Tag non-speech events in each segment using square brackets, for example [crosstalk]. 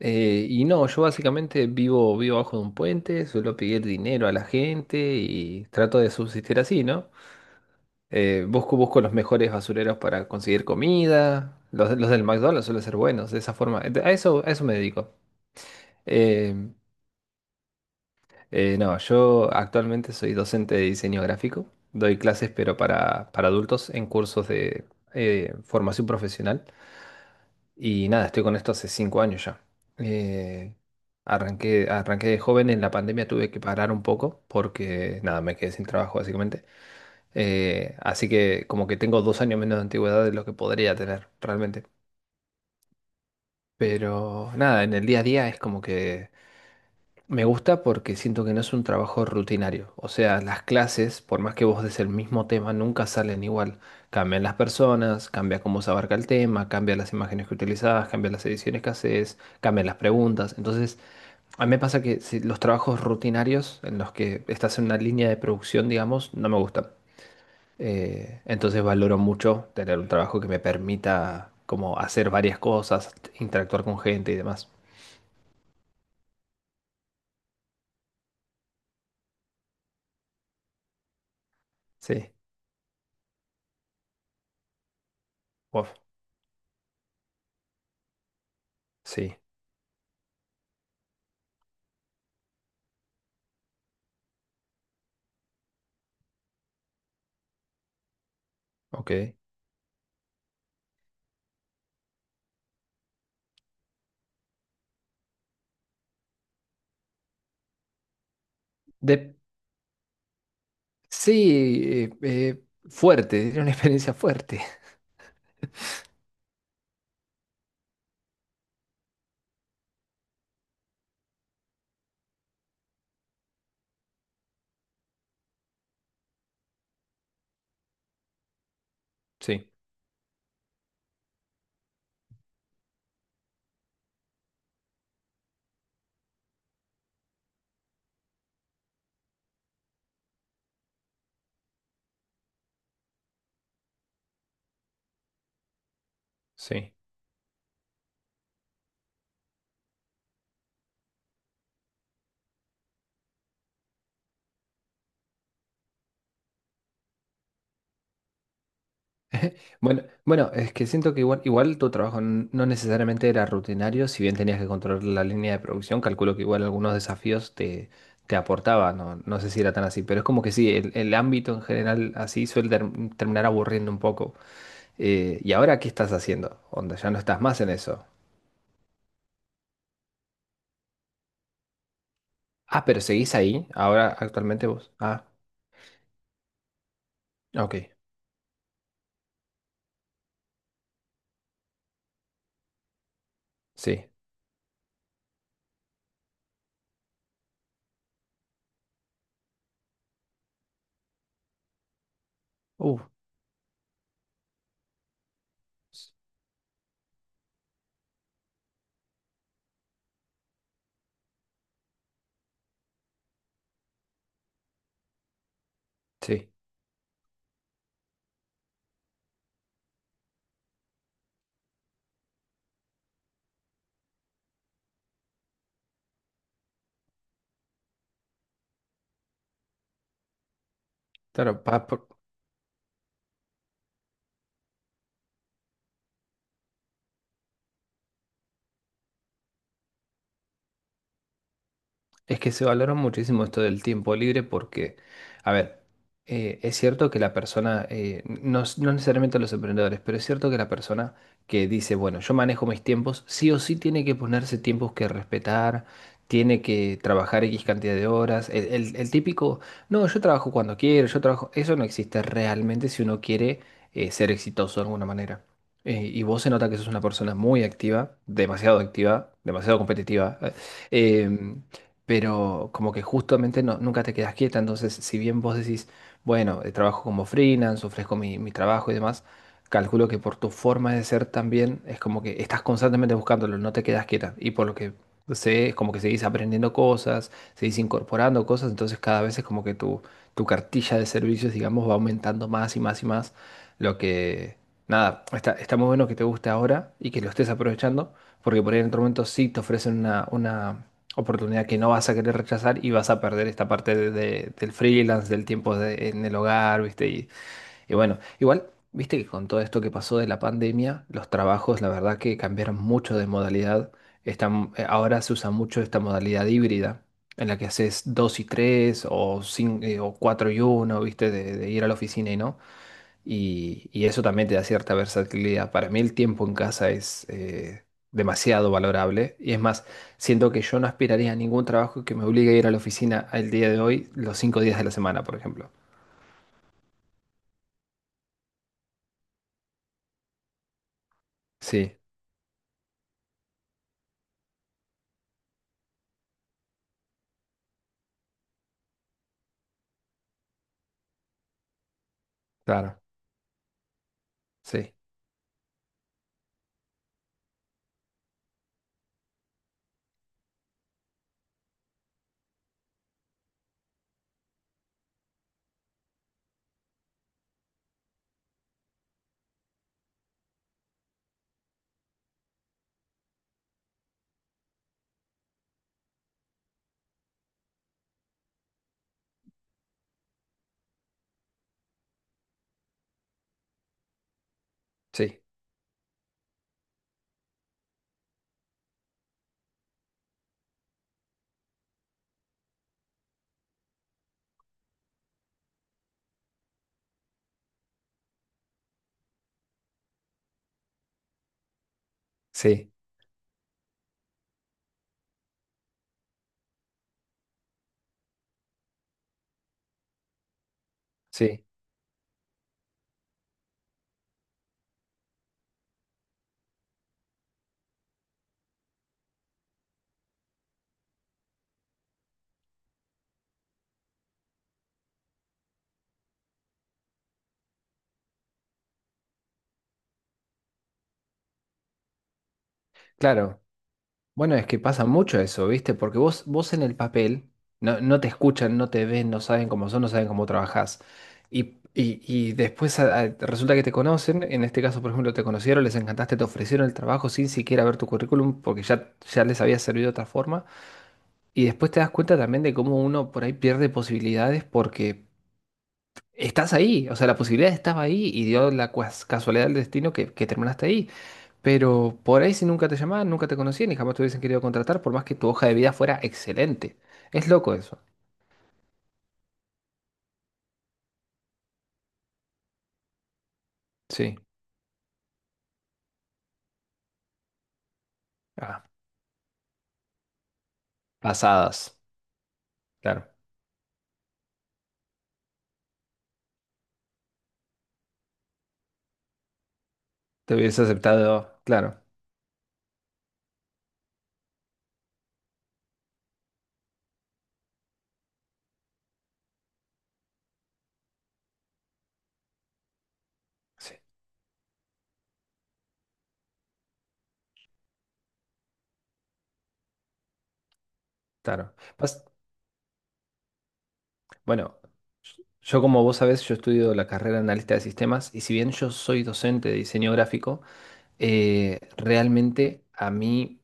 Y no, yo básicamente vivo, vivo bajo de un puente, suelo pedir dinero a la gente y trato de subsistir así, ¿no? Busco los mejores basureros para conseguir comida. Los del McDonald's suelen ser buenos, de esa forma. A eso me dedico. Eh, no, yo actualmente soy docente de diseño gráfico. Doy clases, pero para adultos en cursos de formación profesional. Y nada, estoy con esto hace 5 años ya. Eh, Arranqué de joven. En la pandemia tuve que parar un poco porque nada, me quedé sin trabajo básicamente. Así que como que tengo 2 años menos de antigüedad de lo que podría tener realmente. Pero nada, en el día a día es como que me gusta porque siento que no es un trabajo rutinario. O sea, las clases, por más que vos des el mismo tema, nunca salen igual. Cambian las personas, cambia cómo se abarca el tema, cambian las imágenes que utilizás, cambian las ediciones que haces, cambian las preguntas. Entonces, a mí me pasa que los trabajos rutinarios en los que estás en una línea de producción, digamos, no me gustan. Entonces valoro mucho tener un trabajo que me permita como hacer varias cosas, interactuar con gente y demás. Sí, wow, sí, ok. De- Sí, fuerte, [laughs] era una experiencia fuerte. Sí, sí. Bueno, es que siento que igual tu trabajo no necesariamente era rutinario. Si bien tenías que controlar la línea de producción, calculo que igual algunos desafíos te aportaba. No, no sé si era tan así, pero es como que sí, el ámbito en general así suele terminar aburriendo un poco. ¿Y ahora qué estás haciendo? Onda, ya no estás más en eso. Ah, pero seguís ahí, ahora actualmente vos. Ah, ok, sí. Uh, s- sí, claro, es que se valora muchísimo esto del tiempo libre porque, a ver, es cierto que la persona, no, no necesariamente los emprendedores, pero es cierto que la persona que dice, bueno, yo manejo mis tiempos, sí o sí tiene que ponerse tiempos que respetar, tiene que trabajar X cantidad de horas. El típico, no, yo trabajo cuando quiero, yo trabajo, eso no existe realmente si uno quiere ser exitoso de alguna manera. Y vos se nota que sos una persona muy activa, demasiado competitiva. eh, em, pero como que justamente nunca te quedas quieta. Entonces, si bien vos decís, bueno, trabajo como freelance, ofrezco mi trabajo y demás, calculo que por tu forma de ser también es como que estás constantemente buscándolo, no te quedas quieta. Y por lo que sé, es como que seguís aprendiendo cosas, seguís incorporando cosas, entonces cada vez es como que tu cartilla de servicios, digamos, va aumentando más y más y más, lo que... Nada, está muy bueno que te guste ahora y que lo estés aprovechando, porque por ahí en otro momento sí te ofrecen una oportunidad que no vas a querer rechazar, y vas a perder esta parte del freelance, del tiempo en el hogar, ¿viste? Y bueno, igual, viste que con todo esto que pasó de la pandemia, los trabajos, la verdad que cambiaron mucho de modalidad. Están, ahora se usa mucho esta modalidad híbrida, en la que haces 2 y 3 o, 5 o 4 y 1, ¿viste? De ir a la oficina y no y, y eso también te da cierta versatilidad. Para mí el tiempo en casa es demasiado valorable, y es más, siento que yo no aspiraría a ningún trabajo que me obligue a ir a la oficina el día de hoy, los 5 días de la semana, por ejemplo. Sí, claro, sí, sí, sí, sí. Claro. Bueno, es que pasa mucho eso, ¿viste? Porque vos en el papel no, no te escuchan, no te ven, no saben cómo son, no saben cómo trabajás. Y después resulta que te conocen. En este caso, por ejemplo, te conocieron, les encantaste, te ofrecieron el trabajo sin siquiera ver tu currículum porque ya les había servido de otra forma. Y después te das cuenta también de cómo uno por ahí pierde posibilidades porque estás ahí, o sea, la posibilidad estaba ahí y dio la casualidad del destino que terminaste ahí. Pero por ahí si nunca te llamaban, nunca te conocían y jamás te hubiesen querido contratar, por más que tu hoja de vida fuera excelente. Es loco eso. Sí. Ah, pasadas. Claro. Te hubiese aceptado. Claro. Sí, claro. Bueno, yo como vos sabés, yo estudio la carrera de analista de sistemas, y si bien yo soy docente de diseño gráfico, realmente a mí...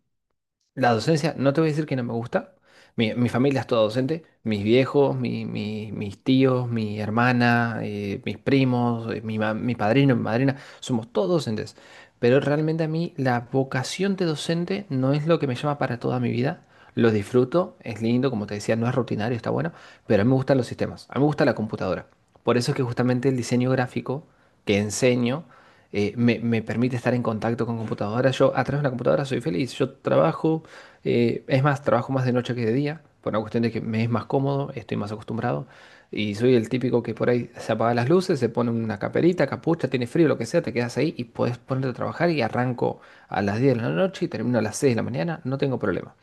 La docencia, no te voy a decir que no me gusta. Mi familia es toda docente. Mis viejos, mis tíos, mi hermana, mis primos, mi padrino, mi madrina, somos todos docentes. Pero realmente a mí la vocación de docente no es lo que me llama para toda mi vida. Lo disfruto, es lindo, como te decía, no es rutinario, está bueno, pero a mí me gustan los sistemas, a mí me gusta la computadora. Por eso es que justamente el diseño gráfico que enseño me permite estar en contacto con computadoras. Yo a través de una computadora soy feliz. Yo trabajo, es más, trabajo más de noche que de día, por una cuestión de que me es más cómodo, estoy más acostumbrado. Y soy el típico que por ahí se apaga las luces, se pone una caperita, capucha, tiene frío, lo que sea, te quedas ahí y puedes ponerte a trabajar y arranco a las 10 de la noche y termino a las 6 de la mañana, no tengo problema.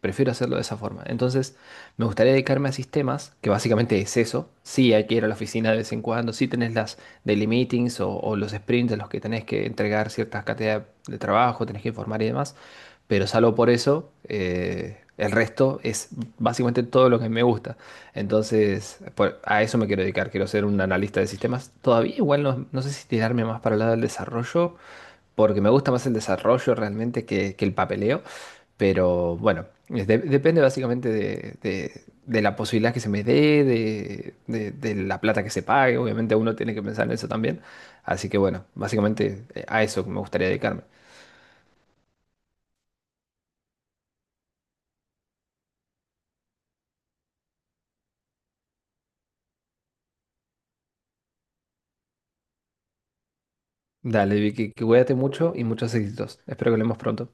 Prefiero hacerlo de esa forma. Entonces, me gustaría dedicarme a sistemas, que básicamente es eso. Sí, hay que ir a la oficina de vez en cuando, sí tenés las daily meetings o los sprints en los que tenés que entregar ciertas cantidades de trabajo, tenés que informar y demás, pero salvo por eso, el resto es básicamente todo lo que me gusta. Entonces, a eso me quiero dedicar, quiero ser un analista de sistemas. Todavía igual no, no sé si tirarme más para el lado del desarrollo porque me gusta más el desarrollo realmente que el papeleo, pero bueno, es depende básicamente de, de la posibilidad que se me dé, de, de la plata que se pague. Obviamente uno tiene que pensar en eso también, así que bueno, básicamente a eso me gustaría dedicarme. Dale, Vicky, que cuídate mucho y muchos éxitos. Espero que hablemos pronto.